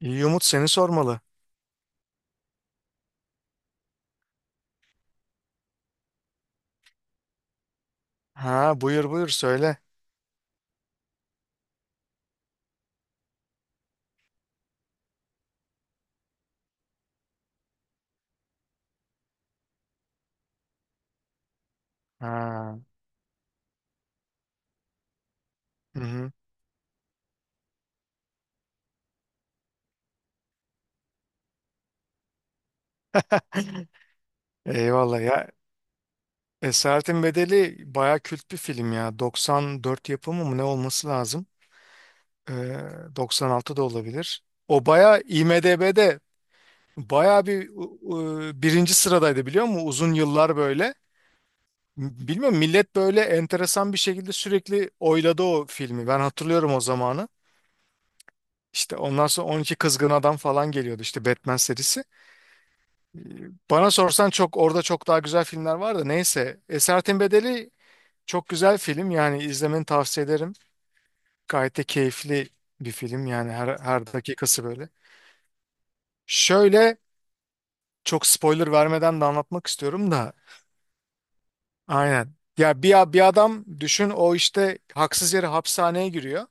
İyi Umut seni sormalı. Buyur söyle. Ha. Hı hı. Eyvallah ya. Esaretin Bedeli baya kült bir film ya. 94 yapımı mı ne olması lazım? Ee, 96 da olabilir. O baya IMDb'de baya bir birinci sıradaydı biliyor musun? Uzun yıllar böyle. Bilmiyorum, millet böyle enteresan bir şekilde sürekli oyladı o filmi. Ben hatırlıyorum o zamanı. İşte ondan sonra 12 Kızgın Adam falan geliyordu, işte Batman serisi. Ee, Bana sorsan çok orada çok daha güzel filmler var da neyse. Esaretin Bedeli çok güzel film, yani izlemeni tavsiye ederim. Gayet de keyifli bir film yani her dakikası böyle. Şöyle, çok spoiler vermeden de anlatmak istiyorum da aynen. Ya bir adam düşün, o işte haksız yere hapishaneye giriyor.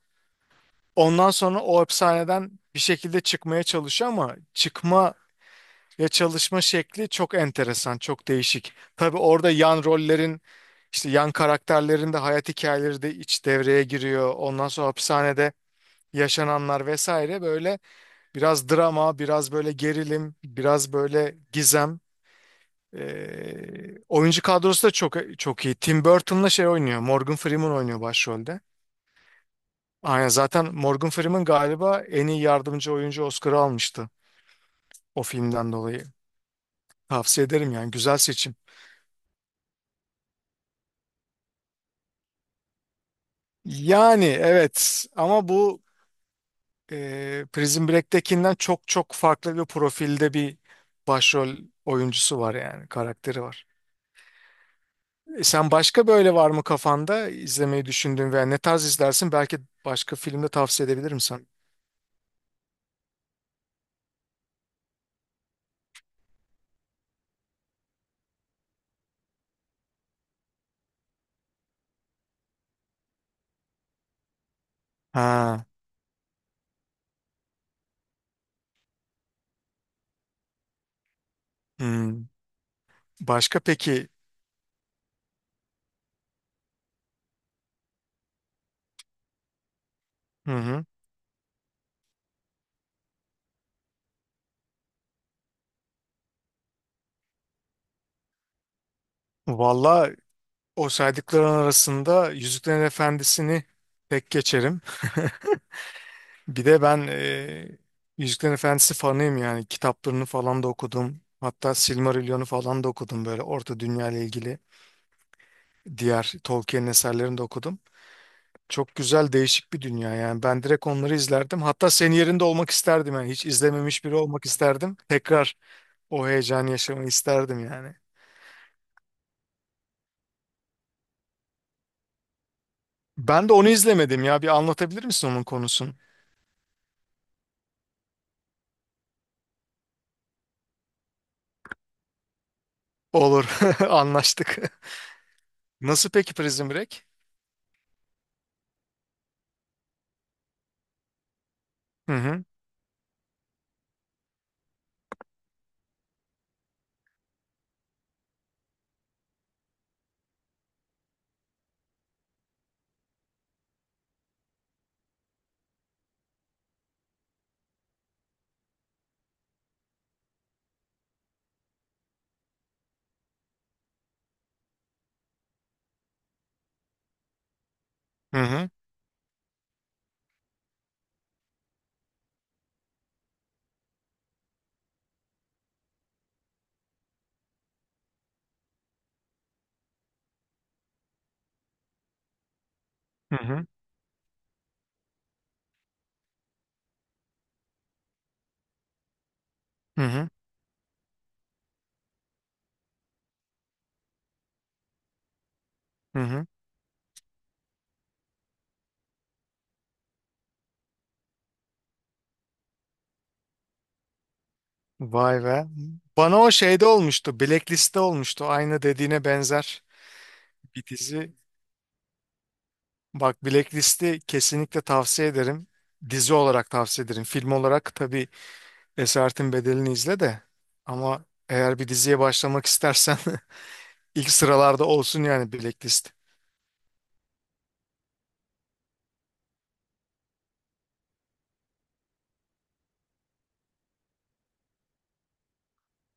Ondan sonra o hapishaneden bir şekilde çıkmaya çalışıyor ama ya çalışma şekli çok enteresan, çok değişik. Tabii orada yan rollerin, işte yan karakterlerin de hayat hikayeleri de iç devreye giriyor. Ondan sonra hapishanede yaşananlar vesaire, böyle biraz drama, biraz böyle gerilim, biraz böyle gizem. Oyuncu kadrosu da çok çok iyi. Tim Burton'la şey oynuyor, Morgan Freeman oynuyor başrolde. Aynen, zaten Morgan Freeman galiba en iyi yardımcı oyuncu Oscar'ı almıştı o filmden dolayı. Tavsiye ederim, yani güzel seçim. Yani evet ama bu Prison Break'tekinden çok çok farklı bir profilde bir başrol oyuncusu var, yani karakteri var. Sen başka böyle var mı kafanda izlemeyi düşündüğün veya ne tarz izlersin? Belki başka filmde tavsiye edebilirim sana. Ha, hmm. Başka peki? Hı hı. Valla o saydıkların arasında Yüzüklerin Efendisi'ni tek geçerim. Bir de ben Yüzüklerin Efendisi fanıyım yani. Kitaplarını falan da okudum. Hatta Silmarillion'u falan da okudum, böyle Orta Dünya ile ilgili. Diğer Tolkien'in eserlerini de okudum. Çok güzel değişik bir dünya yani. Ben direkt onları izlerdim. Hatta senin yerinde olmak isterdim yani. Hiç izlememiş biri olmak isterdim. Tekrar o heyecanı yaşamayı isterdim yani. Ben de onu izlemedim ya. Bir anlatabilir misin onun konusunu? Olur. Anlaştık. Nasıl peki Prison Break? Hı hı. Hı hı. Hı hı. Hı hı. Hı hı. Vay be. Bana o şeyde olmuştu, Blacklist'te olmuştu. Aynı dediğine benzer bir dizi. Bak Blacklist'i kesinlikle tavsiye ederim. Dizi olarak tavsiye ederim. Film olarak tabii Esaretin Bedeli'ni izle de. Ama eğer bir diziye başlamak istersen ilk sıralarda olsun yani, Blacklist.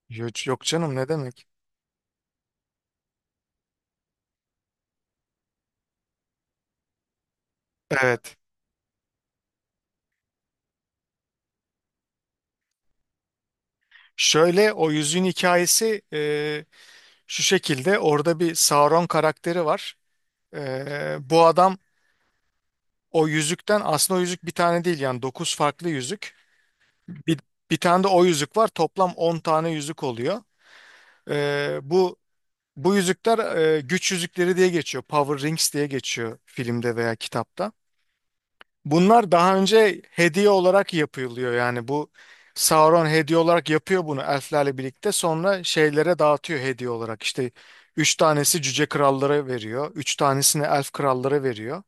Yok, yok canım, ne demek. Evet. Şöyle, o yüzüğün hikayesi şu şekilde. Orada bir Sauron karakteri var. E, bu adam O yüzükten aslında, o yüzük bir tane değil yani, 9 farklı yüzük. Bir, bir tane de o yüzük var. Toplam 10 tane yüzük oluyor. Ee, bu Bu yüzükler güç yüzükleri diye geçiyor. Power Rings diye geçiyor filmde veya kitapta. Bunlar daha önce hediye olarak yapılıyor. Yani bu Sauron hediye olarak yapıyor bunu elflerle birlikte. Sonra şeylere dağıtıyor hediye olarak. İşte 3 tanesi cüce krallara veriyor, 3 tanesini elf krallara veriyor.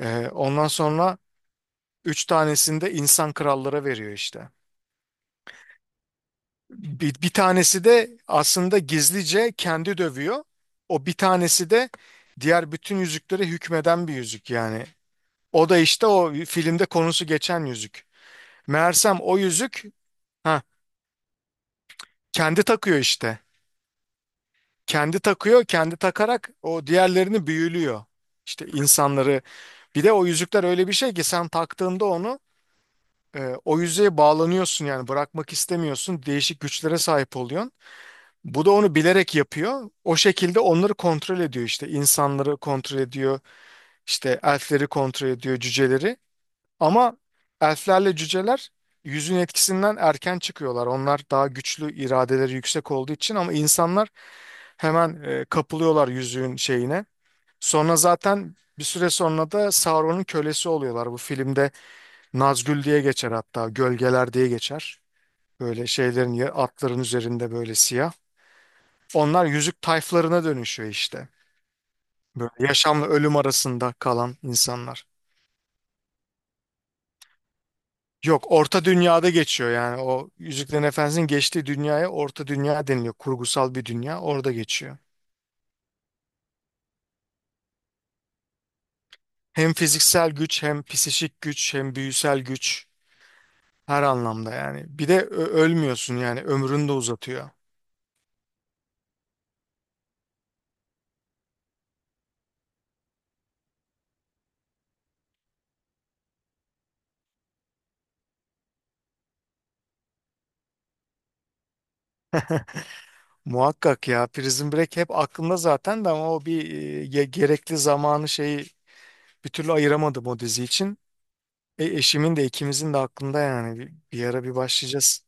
Ondan sonra üç tanesini de insan krallara veriyor işte. Bir tanesi de aslında gizlice kendi dövüyor. O bir tanesi de diğer bütün yüzüklere hükmeden bir yüzük yani. O da işte o filmde konusu geçen yüzük. Meğersem o yüzük, ha kendi takıyor işte. Kendi takıyor, kendi takarak o diğerlerini büyülüyor. İşte insanları, bir de o yüzükler öyle bir şey ki sen taktığında onu, o yüzeye bağlanıyorsun yani, bırakmak istemiyorsun. Değişik güçlere sahip oluyorsun. Bu da onu bilerek yapıyor. O şekilde onları kontrol ediyor işte. İnsanları kontrol ediyor, işte elfleri kontrol ediyor, cüceleri. Ama elflerle cüceler yüzün etkisinden erken çıkıyorlar. Onlar daha güçlü, iradeleri yüksek olduğu için, ama insanlar hemen kapılıyorlar yüzüğün şeyine. Sonra zaten bir süre sonra da Sauron'un kölesi oluyorlar. Bu filmde Nazgül diye geçer hatta, gölgeler diye geçer. Böyle atların üzerinde böyle siyah. Onlar yüzük tayflarına dönüşüyor işte. Böyle yaşamla ölüm arasında kalan insanlar. Yok, Orta Dünya'da geçiyor yani. O Yüzüklerin Efendisi'nin geçtiği dünyaya Orta Dünya deniliyor. Kurgusal bir dünya, orada geçiyor. Hem fiziksel güç, hem psişik güç, hem büyüsel güç. Her anlamda yani. Bir de ölmüyorsun yani. Ömrünü de uzatıyor. Muhakkak ya, Prison Break hep aklımda zaten de, ama o bir gerekli zamanı şeyi bir türlü ayıramadım o dizi için. Eşimin de ikimizin de aklında yani, bir ara bir başlayacağız.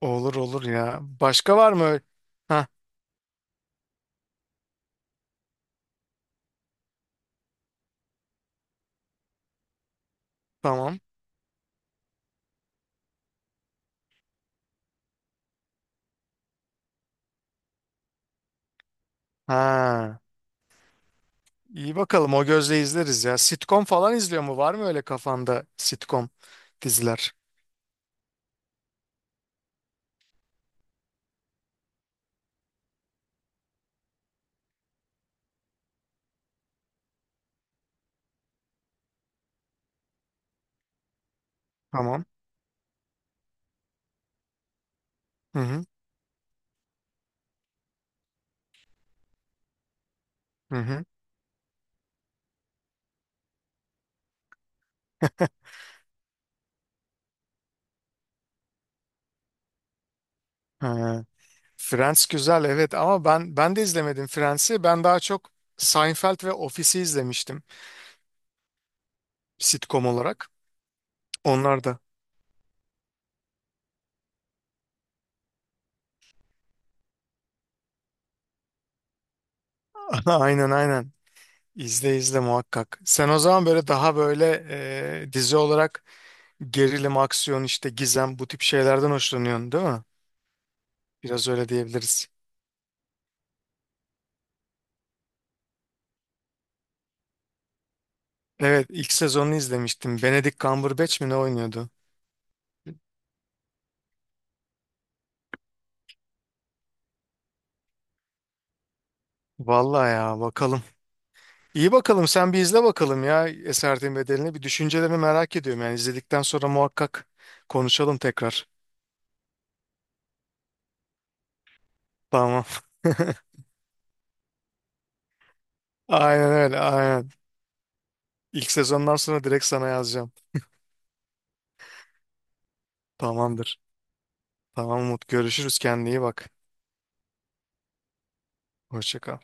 Olur olur ya. Başka var mı öyle? Ha tamam. Ha, iyi bakalım, o gözle izleriz ya. Sitcom falan izliyor mu? Var mı öyle kafanda sitcom diziler? Tamam. Hı hı. Hı hı. Ha. Friends güzel evet, ama ben de izlemedim Friends'i. Ben daha çok Seinfeld ve Office'i izlemiştim sitcom olarak. Onlar da. Aynen aynen. İzle izle muhakkak. Sen o zaman böyle daha böyle dizi olarak gerilim, aksiyon, işte gizem, bu tip şeylerden hoşlanıyorsun değil mi? Biraz öyle diyebiliriz. Evet, ilk sezonunu izlemiştim. Benedict Cumberbatch mi ne oynuyordu? Vallahi ya, bakalım. İyi bakalım, sen bir izle bakalım ya Esaretin Bedeli'ni. Bir düşüncelerini merak ediyorum. Yani izledikten sonra muhakkak konuşalım tekrar. Tamam. Aynen öyle, aynen. İlk sezondan sonra direkt sana yazacağım. Tamamdır. Tamam Umut, görüşürüz, kendine iyi bak. Hoşça kal.